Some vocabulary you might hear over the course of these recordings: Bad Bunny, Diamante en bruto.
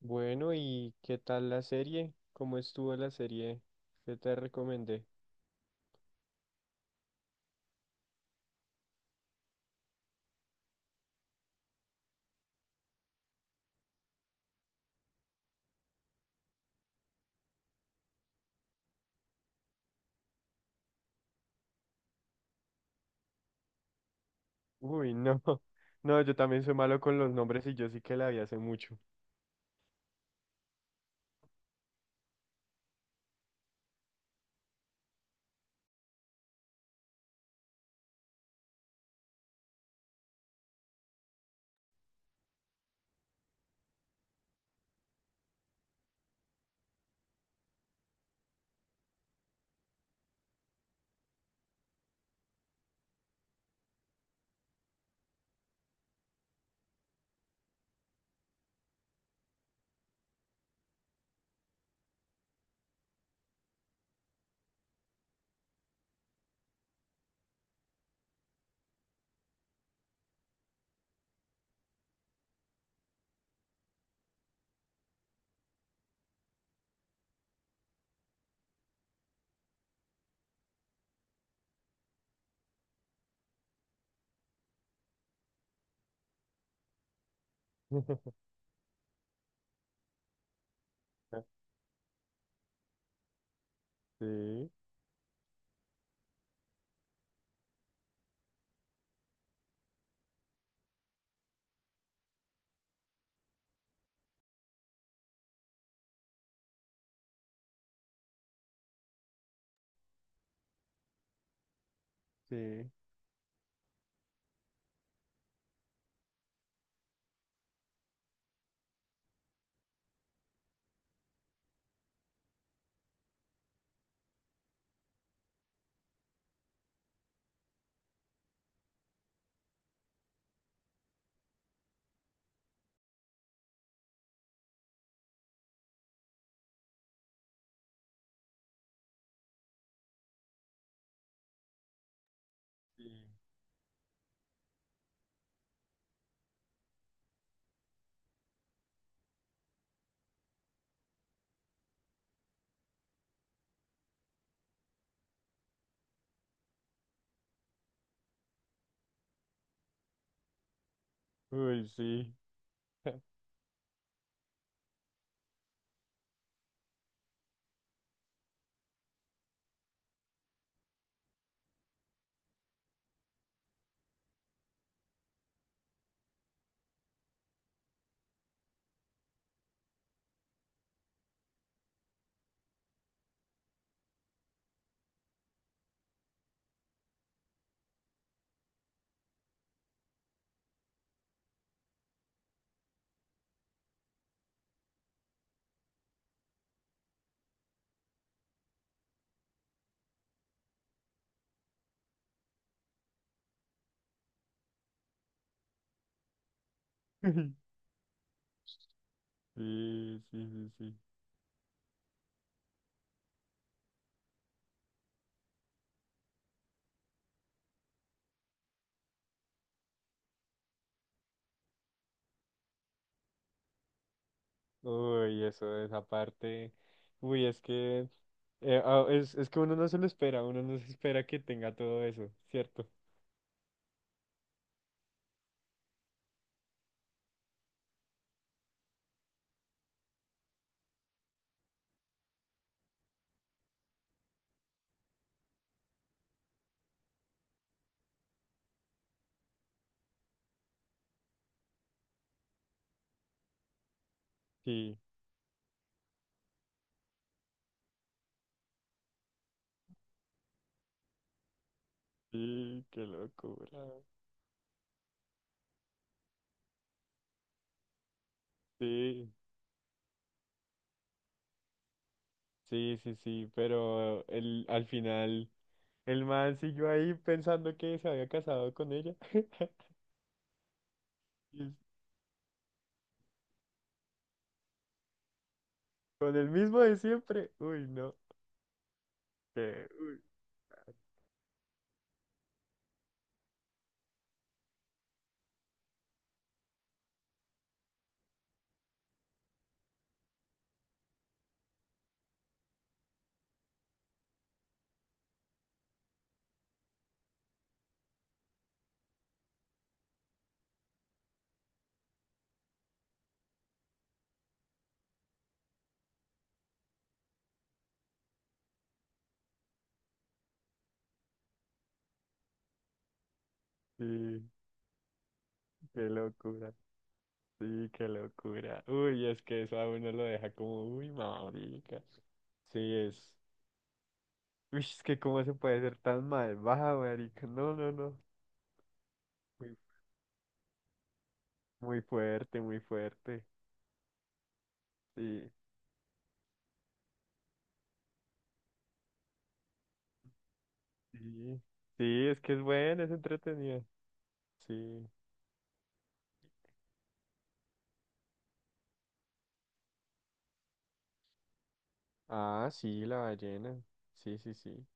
Bueno, ¿y qué tal la serie? ¿Cómo estuvo la serie que te recomendé? Uy, no. No, yo también soy malo con los nombres y yo sí que la vi hace mucho. Sí, sí, sí. Uy, sí. Sí, sí, sí, sí. Uy, eso, esa parte. Uy, es que es que uno no se lo espera, uno no se espera que tenga todo eso, ¿cierto? Sí, sí, qué locura. Sí. Sí, sí, sí, pero el, al final el man siguió ahí pensando que se había casado con ella. Y con el mismo de siempre. Uy, no. Qué, uy, sí, qué locura. Sí, qué locura. Uy, es que eso a uno lo deja como, uy, marica. Sí, es. Uy, es que cómo se puede ser tan malvada, marica. No, no, no. Muy, muy fuerte, muy fuerte. Sí, sí. Sí, es que es bueno, es entretenido. Sí. Ah, sí, la ballena. Sí, sí, sí.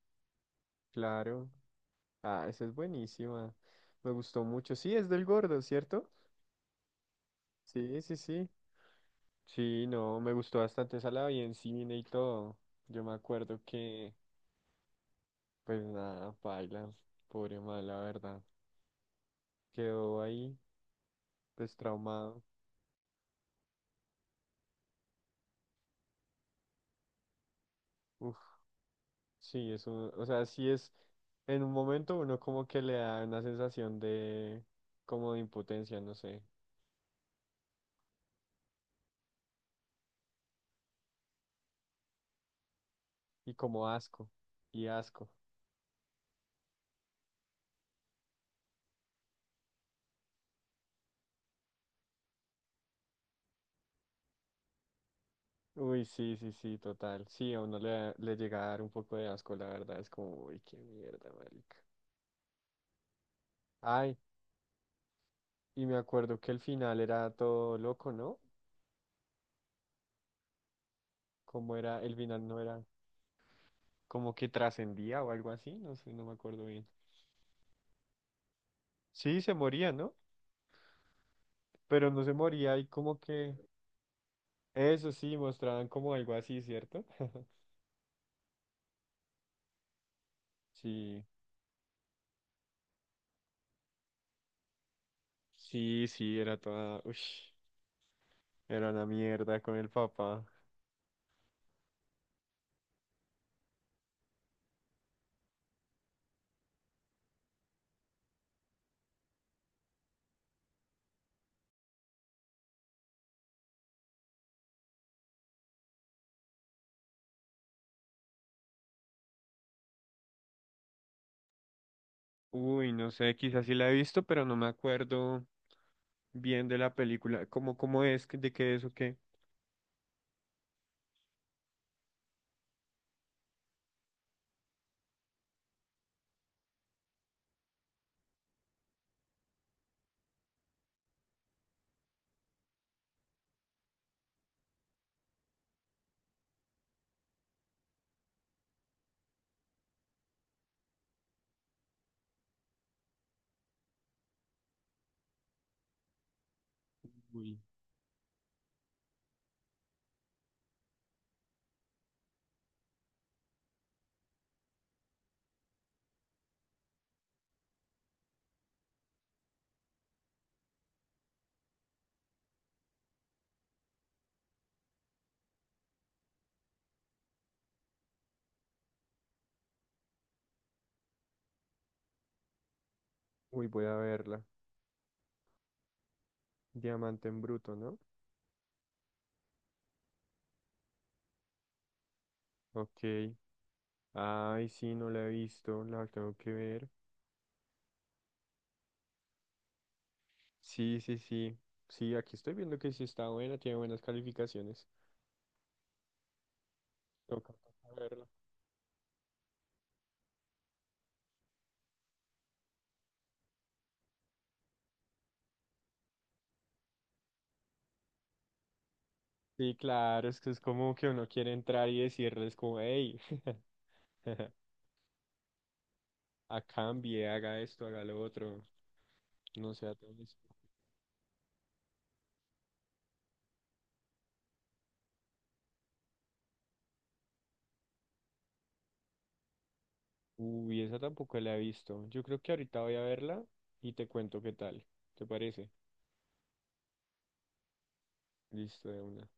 Claro. Ah, esa es buenísima. Me gustó mucho. Sí, es del gordo, ¿cierto? Sí, sí, sí. Sí, no, me gustó bastante, esa la vi en cine y todo. Yo me acuerdo que, pues nada, paila, pobre mal, la verdad. Quedó ahí, pues traumado. Uf, sí, es un, o sea, sí es, en un momento uno como que le da una sensación de, como de impotencia, no sé, y como asco, y asco. Uy, sí, sí, sí, total. Sí, a uno le, da- le llega a dar un poco de asco, la verdad. Es como, uy, qué mierda, marica. Ay, y me acuerdo que el final era todo loco, ¿no? Como era, el final no era como que trascendía o algo así, no sé, no me acuerdo bien. Sí, se moría, ¿no? Pero no se moría y como que, eso sí, mostraban como algo así, ¿cierto? Sí, sí, sí, era toda, uy, era una mierda con el papá. Uy, no sé, quizás sí la he visto, pero no me acuerdo bien de la película. ¿Cómo, cómo es? Que- ¿de qué es o qué? Uy. Uy, voy a verla. Diamante en bruto, ¿no? Ok. Ay, sí, no la he visto. La tengo que ver. Sí, sí, sí. Sí, aquí estoy viendo que sí está buena, tiene buenas calificaciones. Toca, toca verla. Sí, claro, es que es como que uno quiere entrar y decirles como, hey, a cambie, haga esto, haga lo otro. No sea tan... Uy, esa tampoco la he visto. Yo creo que ahorita voy a verla y te cuento qué tal. ¿Te parece? Listo, de una.